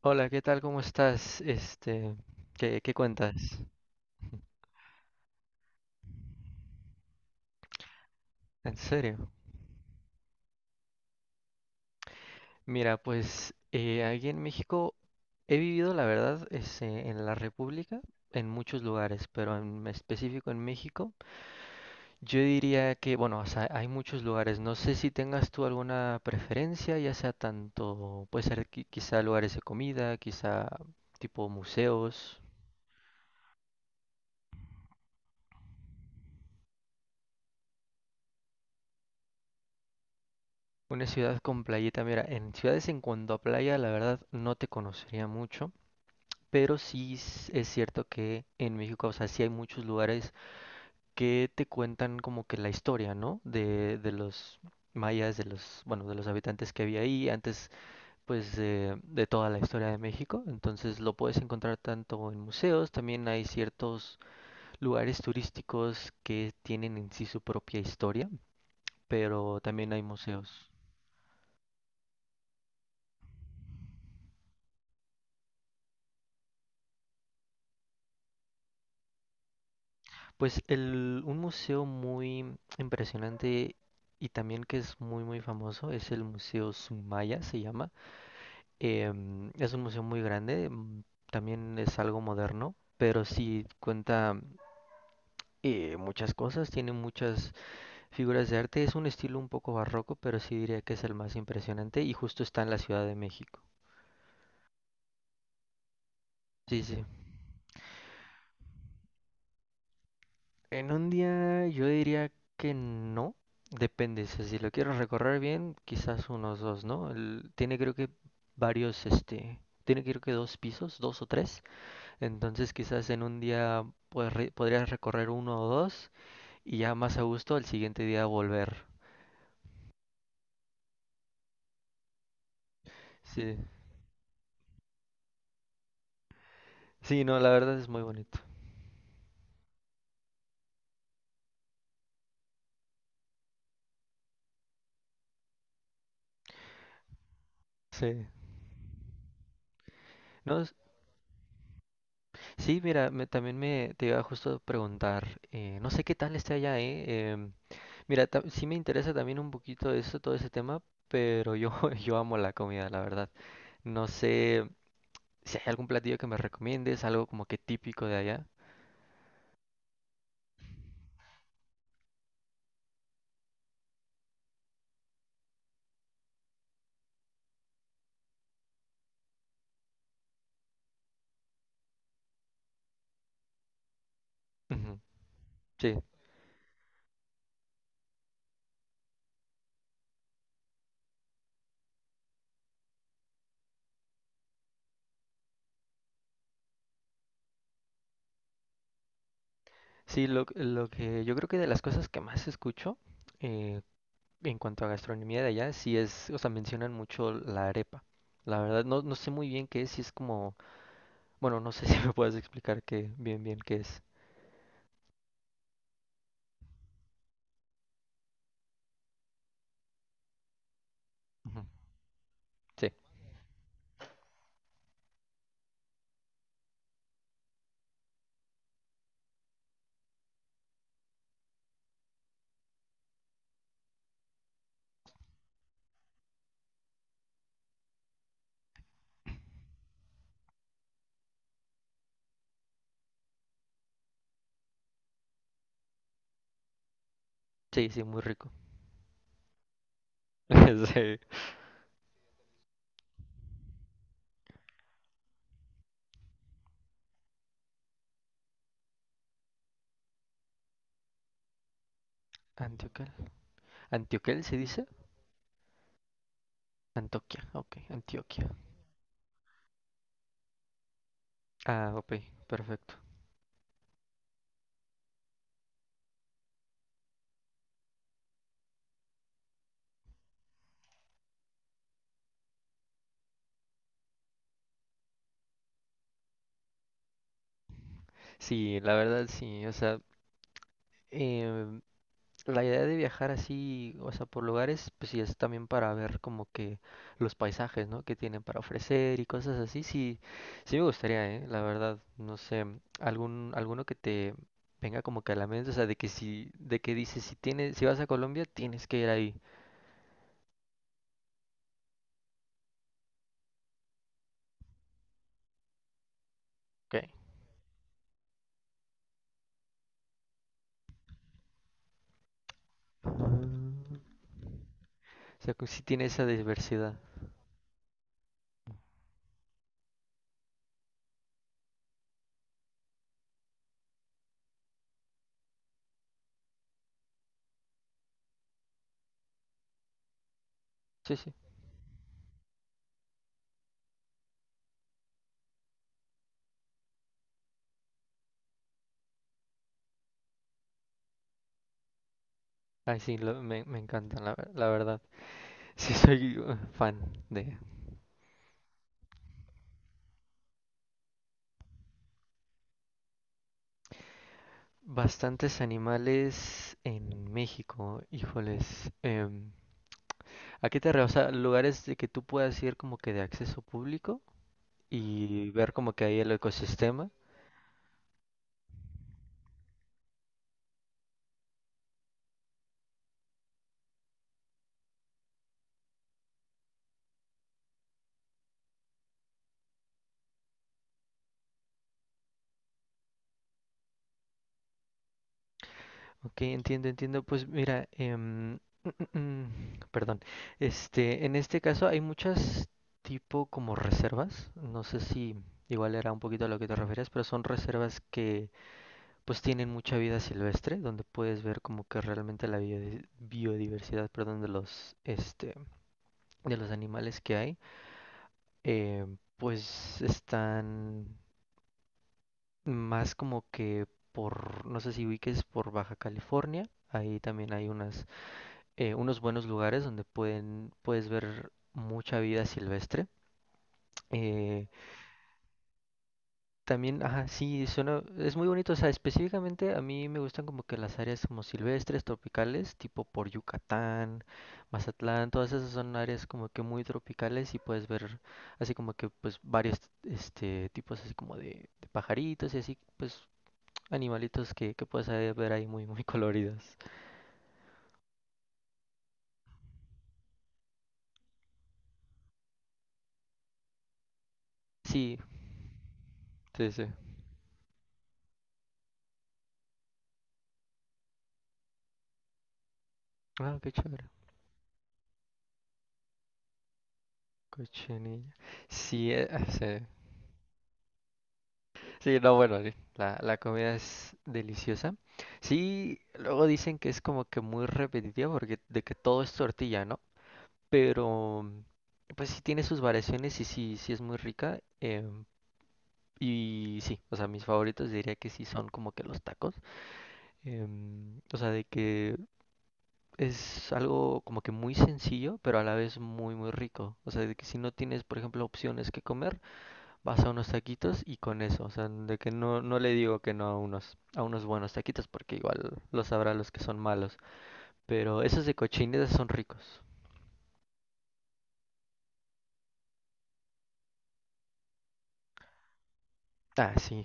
Hola, ¿qué tal? ¿Cómo estás? ¿Qué cuentas? ¿En serio? Mira, pues aquí en México he vivido, la verdad, en la República, en muchos lugares, pero en específico en México, yo diría que, bueno, o sea, hay muchos lugares. No sé si tengas tú alguna preferencia, ya sea tanto, puede ser quizá lugares de comida, quizá tipo museos. Una ciudad con playita, mira, en ciudades en cuanto a playa, la verdad no te conocería mucho. Pero es cierto que en México, o sea, sí hay muchos lugares que te cuentan como que la historia, ¿no? De los mayas, de los, bueno, de los habitantes que había ahí antes, pues, de toda la historia de México. Entonces lo puedes encontrar tanto en museos, también hay ciertos lugares turísticos que tienen en sí su propia historia, pero también hay museos. Pues un museo muy impresionante y también que es muy muy famoso es el Museo Sumaya, se llama. Es un museo muy grande, también es algo moderno, pero sí cuenta muchas cosas, tiene muchas figuras de arte, es un estilo un poco barroco, pero sí diría que es el más impresionante y justo está en la Ciudad de México. Sí, sí. En un día yo diría que no, depende, o sea, si lo quiero recorrer bien, quizás unos dos, ¿no? Tiene creo que varios, tiene creo que dos pisos, dos o tres, entonces quizás en un día pues, podrías recorrer uno o dos y ya más a gusto al siguiente día volver. Sí, sí, no, la verdad es muy bonito. Sí. No, sí, mira, también me te iba justo a preguntar, ¿eh? No sé qué tal esté allá, ¿eh? Mira, sí me interesa también un poquito eso, todo ese tema, pero yo, yo amo la comida, la verdad. No sé si hay algún platillo que me recomiendes, algo como que típico de allá. Ujú. Sí, sí, lo que yo creo que de las cosas que más escucho eh, en cuanto a gastronomía de allá, sí es, o sea, mencionan mucho la arepa. La verdad, no, no sé muy bien qué es, si es como, bueno, no sé si me puedes explicar qué, bien, bien qué es. Ujú. Sí, sí, sí, muy rico. Sí. Antioquel. ¿Antioquel se dice? Antoquia, ok, Antioquia. Ah, ok, perfecto. Sí, la verdad sí, o sea, em, la idea de viajar así, o sea, por lugares, pues sí es también para ver como que los paisajes, ¿no? Que tienen para ofrecer y cosas así, sí, sí me gustaría, ¿eh? La verdad, no sé, algún, alguno que te venga como que a la mente, o sea, de que si, de que dices, si tienes, si vas a Colombia, tienes que ir ahí. Ok. Ah, o sea, que sí tiene esa diversidad. Sí, sí. Ay, sí, me encantan, la verdad. Sí, soy fan de bastantes animales en México, híjoles. ¿A qué te refieres? O sea, lugares de que tú puedas ir como que de acceso público y ver como que ahí el ecosistema. Ok, entiendo, entiendo. Pues mira, perdón. En este caso hay muchas tipo como reservas. No sé si igual era un poquito a lo que te refieres, pero son reservas que pues tienen mucha vida silvestre, donde puedes ver como que realmente la biodiversidad, perdón, de los, de los animales que hay, eh, pues están más como que por, no sé si ubiques por Baja California, ahí también hay unas, unos buenos lugares donde pueden, puedes ver mucha vida silvestre. eh, También, ajá, sí, suena, es muy bonito, o sea, específicamente a mí me gustan como que las áreas como silvestres, tropicales, tipo por Yucatán, Mazatlán, todas esas son áreas como que muy tropicales y puedes ver así como que pues varios este tipos así como de pajaritos y así pues animalitos que puedes ahí ver ahí muy muy coloridos. Sí, sí, sí. Ah, qué chévere. Cochinilla. Sí, ah, sí. Sí, no, bueno, sí, la comida es deliciosa. Sí, luego dicen que es como que muy repetitiva porque de que todo es tortilla, ¿no? Pero pues sí tiene sus variaciones y sí, sí es muy rica. Y sí, o sea, mis favoritos diría que sí son como que los tacos. O sea, de que es algo como que muy sencillo, pero a la vez muy, muy rico. O sea, de que si no tienes, por ejemplo, opciones que comer, vas a unos taquitos y con eso, o sea, de que no, no le digo que no a unos, a unos buenos taquitos, porque igual los sabrá los que son malos. Pero esos de cochinita son ricos. Ah, sí.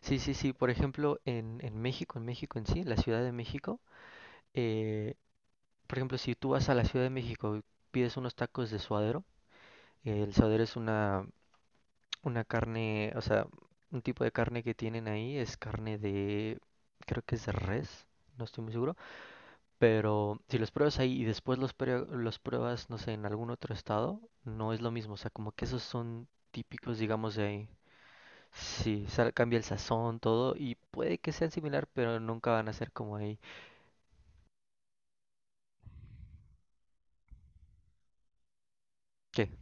Sí, sí, sí. Por ejemplo, en México, en México en sí, la Ciudad de México, eh, por ejemplo, si tú vas a la Ciudad de México y pides unos tacos de suadero, el suadero es una carne, o sea, un tipo de carne que tienen ahí, es carne de, creo que es de res, no estoy muy seguro. Pero si los pruebas ahí y después los, los pruebas, no sé, en algún otro estado, no es lo mismo. O sea, como que esos son típicos, digamos, de ahí. Sí, cambia el sazón, todo, y puede que sean similar, pero nunca van a ser como ahí. ¿Qué?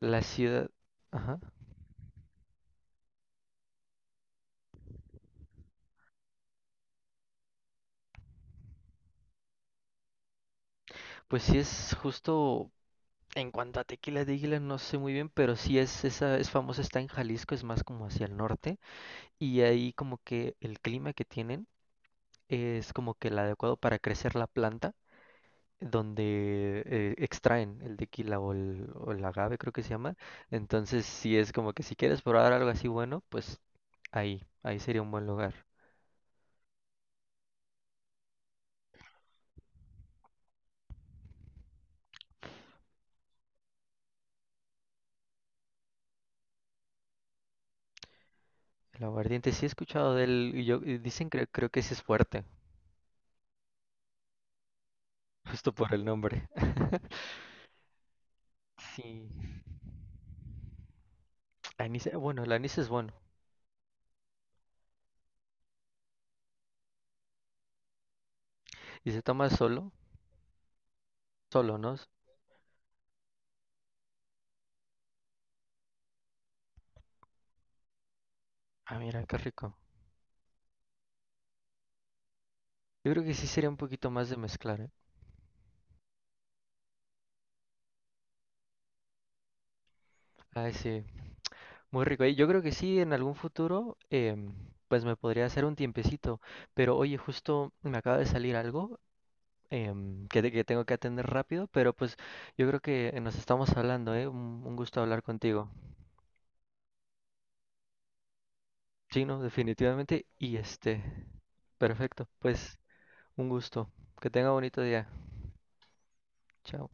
La ciudad... Ajá. Pues sí es justo... En cuanto a Tequila de Águila, no sé muy bien, pero sí es esa, es famosa, está en Jalisco, es más como hacia el norte, y ahí como que el clima que tienen es como que el adecuado para crecer la planta, donde extraen el tequila o o el agave, creo que se llama. Entonces, si es como que si quieres probar algo así bueno, pues ahí sería un buen lugar. El aguardiente, sí he escuchado de él y yo y dicen que creo que sí es fuerte, justo por el nombre. Sí. Anís, bueno, el anís es bueno. Y se toma solo, solo, ¿no? Ah, mira, qué rico. Yo creo que sí sería un poquito más de mezclar, ¿eh? Ah, sí. Muy rico. Yo creo que sí, en algún futuro, pues me podría hacer un tiempecito. Pero oye, justo me acaba de salir algo que tengo que atender rápido, pero pues yo creo que nos estamos hablando, ¿eh? Un gusto hablar contigo. Sí, no, definitivamente. Y perfecto. Pues un gusto. Que tenga bonito día. Chao.